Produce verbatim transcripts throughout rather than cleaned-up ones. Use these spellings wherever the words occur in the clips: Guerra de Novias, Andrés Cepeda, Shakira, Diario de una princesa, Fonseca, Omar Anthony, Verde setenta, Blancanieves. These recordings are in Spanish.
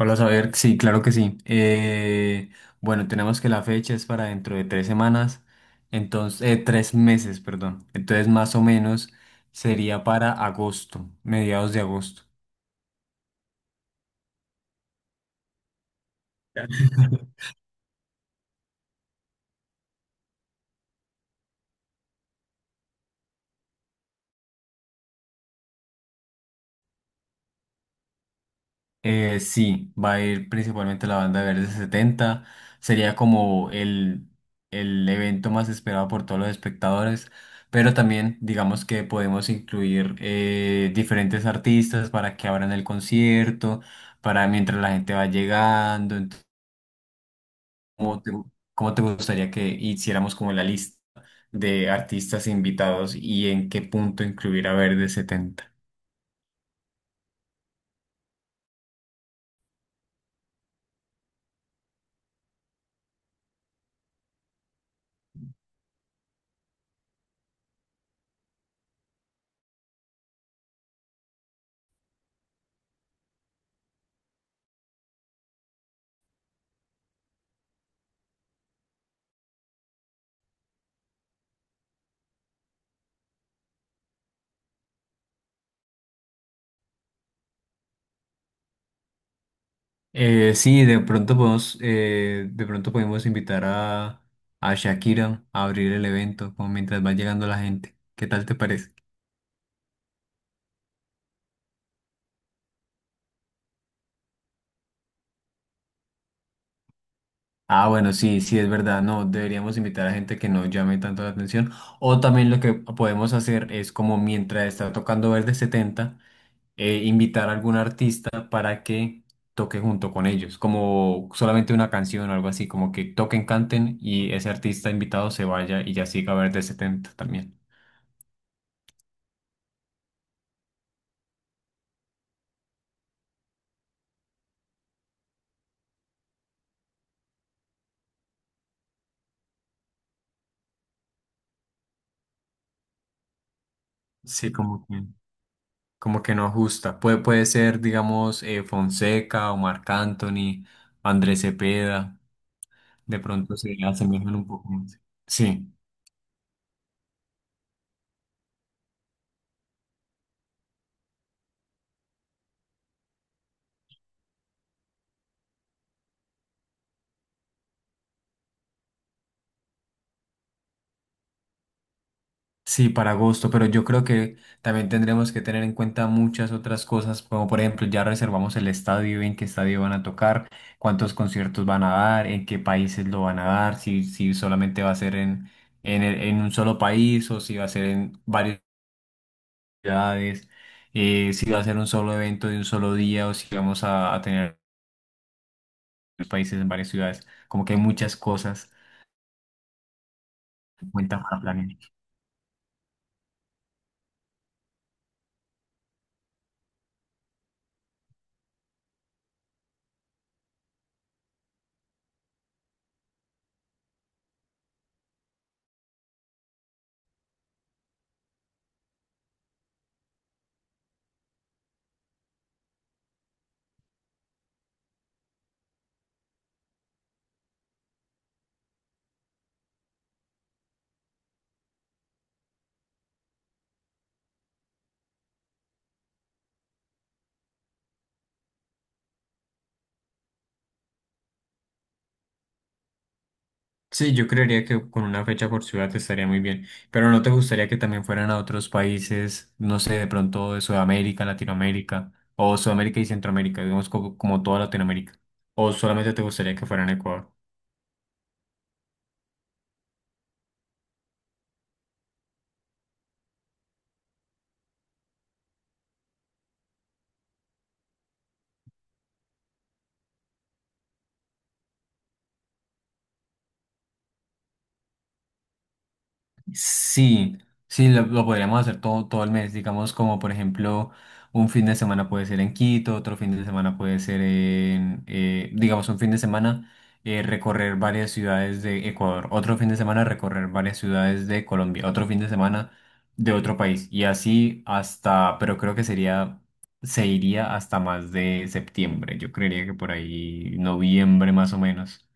Hola, saber, sí, claro que sí. Eh, bueno, tenemos que la fecha es para dentro de tres semanas, entonces, eh, tres meses, perdón. Entonces, más o menos sería para agosto, mediados de agosto. Eh, sí, va a ir principalmente la banda Verde Setenta. Sería como el, el evento más esperado por todos los espectadores. Pero también, digamos que podemos incluir eh, diferentes artistas para que abran el concierto, para mientras la gente va llegando. Entonces, ¿cómo te, gu- cómo te gustaría que hiciéramos como la lista de artistas invitados y en qué punto incluir a Verde Setenta? Eh, sí, de pronto podemos, eh, de pronto podemos invitar a, a Shakira a abrir el evento, como mientras va llegando la gente. ¿Qué tal te parece? Ah, bueno, sí, sí, es verdad. No, deberíamos invitar a gente que no llame tanto la atención. O también lo que podemos hacer es como mientras está tocando Verde Setenta, eh, invitar a algún artista para que toque junto con ellos, como solamente una canción o algo así, como que toquen, canten y ese artista invitado se vaya y ya siga Verde Setenta también. Sí, como que... Como que no ajusta. Puede, puede ser, digamos, eh, Fonseca, Omar Anthony, Andrés Cepeda. De pronto se asemejan un poco más. Sí, sí, para agosto, pero yo creo que también tendremos que tener en cuenta muchas otras cosas, como por ejemplo, ya reservamos el estadio, en qué estadio van a tocar, cuántos conciertos van a dar, en qué países lo van a dar, si, si solamente va a ser en, en, el- en un solo país o si va a ser en varios. Ciudades, eh, si va a ser un solo evento de un solo día o si vamos a, a tener varios países en varias ciudades. Como que hay muchas cosas en cuenta para planear. Sí, yo creería que con una fecha por ciudad estaría muy bien, pero ¿no te gustaría que también fueran a otros países, no sé, de pronto de Sudamérica, Latinoamérica, o Sudamérica y Centroamérica, digamos como, como toda Latinoamérica? ¿O solamente te gustaría que fueran a Ecuador? Sí, sí, lo, lo podríamos hacer todo, todo el mes, digamos como por ejemplo un fin de semana puede ser en Quito, otro fin de semana puede ser en, eh, digamos un fin de semana eh, recorrer varias ciudades de Ecuador, otro fin de semana recorrer varias ciudades de Colombia, otro fin de semana de otro país y así hasta, pero creo que sería, se iría hasta más de septiembre, yo creería que por ahí noviembre más o menos.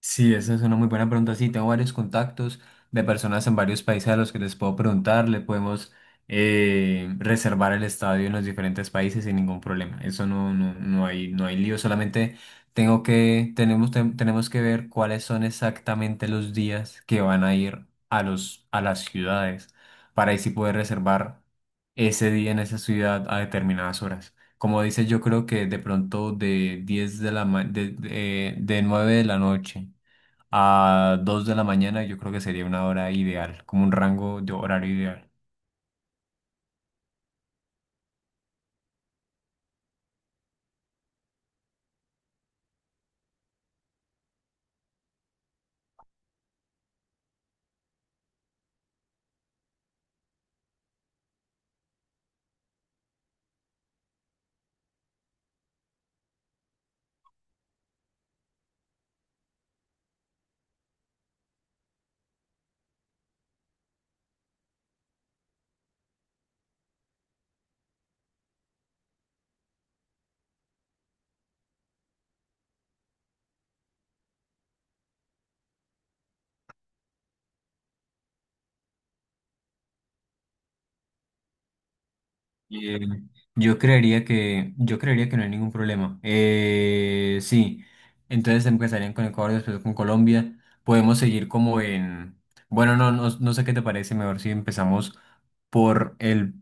Sí, esa es una muy buena pregunta. Sí, tengo varios contactos de personas en varios países a los que les puedo preguntar. Le podemos eh, reservar el estadio en los diferentes países sin ningún problema. Eso no, no, no hay, no hay lío. Solamente tengo que, tenemos, tem- tenemos que ver cuáles son exactamente los días que van a ir a los, a las ciudades para así poder reservar ese día en esa ciudad a determinadas horas. Como dices, yo creo que de pronto de diez de la ma- de, de, de nueve de la noche a dos de la mañana, yo creo que sería una hora ideal, como un rango de horario ideal. Eh, yo creería que, yo creería que no hay ningún problema. Eh, sí, entonces empezarían con Ecuador, después con Colombia. Podemos seguir como en... Bueno, no, no, no sé qué te parece, mejor si empezamos por el...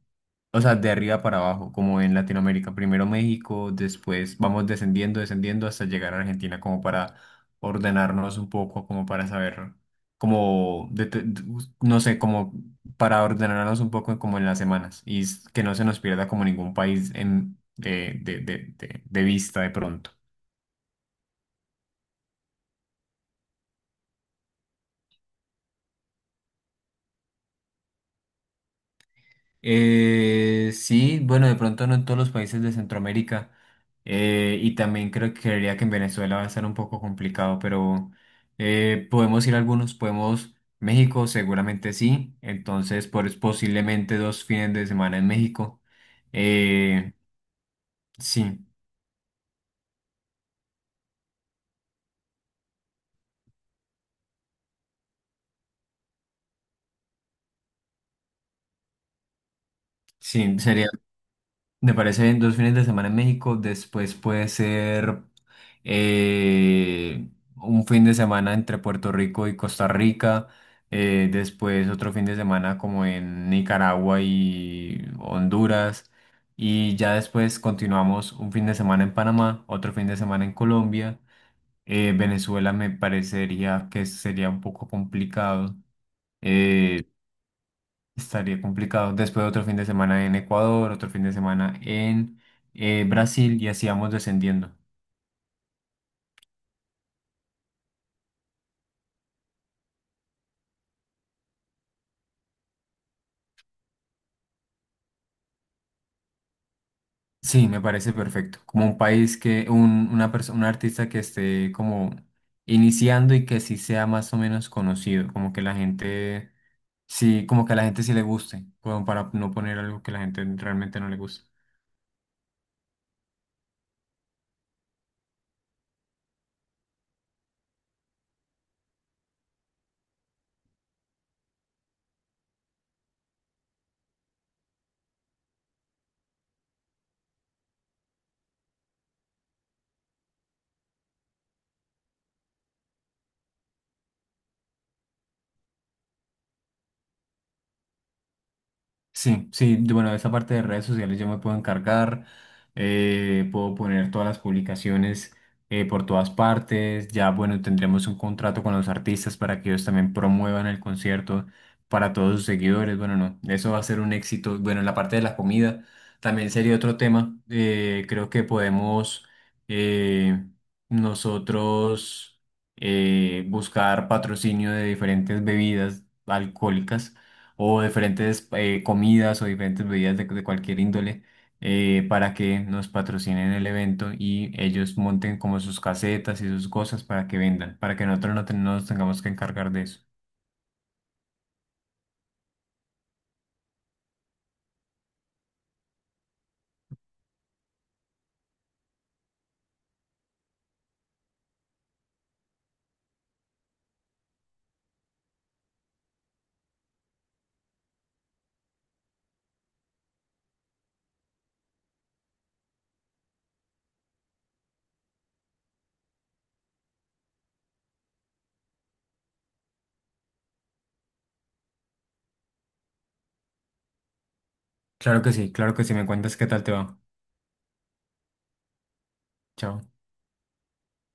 O sea, de arriba para abajo, como en Latinoamérica. Primero México, después vamos descendiendo, descendiendo hasta llegar a Argentina como para ordenarnos un poco, como para saber, como, de- de- no sé, como para ordenarnos un poco como en las semanas y s- que no se nos pierda como ningún país en, de, de, de, de- de vista de pronto. Eh, sí, bueno, de pronto no en todos los países de Centroamérica, eh, y también creo que creería que en Venezuela va a estar un poco complicado, pero eh, podemos ir a algunos, podemos... México seguramente sí, entonces pues, posiblemente dos fines de semana en México. Eh, sí. Sí, sería... Me parece bien dos fines de semana en México, después puede ser eh, un fin de semana entre Puerto Rico y Costa Rica, eh, después otro fin de semana como en Nicaragua y Honduras, y ya después continuamos un fin de semana en Panamá, otro fin de semana en Colombia. Eh, Venezuela me parecería que sería un poco complicado. eh, Estaría complicado. Después otro fin de semana en Ecuador, otro fin de semana en eh, Brasil y así vamos descendiendo. Sí, me parece perfecto. Como un país que, un, una persona, un artista que esté como iniciando y que sí sea más o menos conocido, como que la gente, sí, como que a la gente sí le guste, como para no poner algo que la gente realmente no le gusta. Sí, sí, yo... Bueno, esa parte de redes sociales yo me puedo encargar, eh, puedo poner todas las publicaciones eh, por todas partes, ya bueno, tendremos un contrato con los artistas para que ellos también promuevan el concierto para todos sus seguidores. Bueno, no, eso va a ser un éxito. Bueno, en la parte de la comida también sería otro tema. Eh, creo que podemos, eh, nosotros, eh, buscar patrocinio de diferentes bebidas alcohólicas o diferentes eh, comidas o diferentes bebidas de, de cualquier índole, eh, para que nos patrocinen el evento y ellos monten como sus casetas y sus cosas para que vendan, para que nosotros no, ten- no nos tengamos que encargar de eso. Claro que sí, claro que sí, me cuentas qué tal te va. Chao.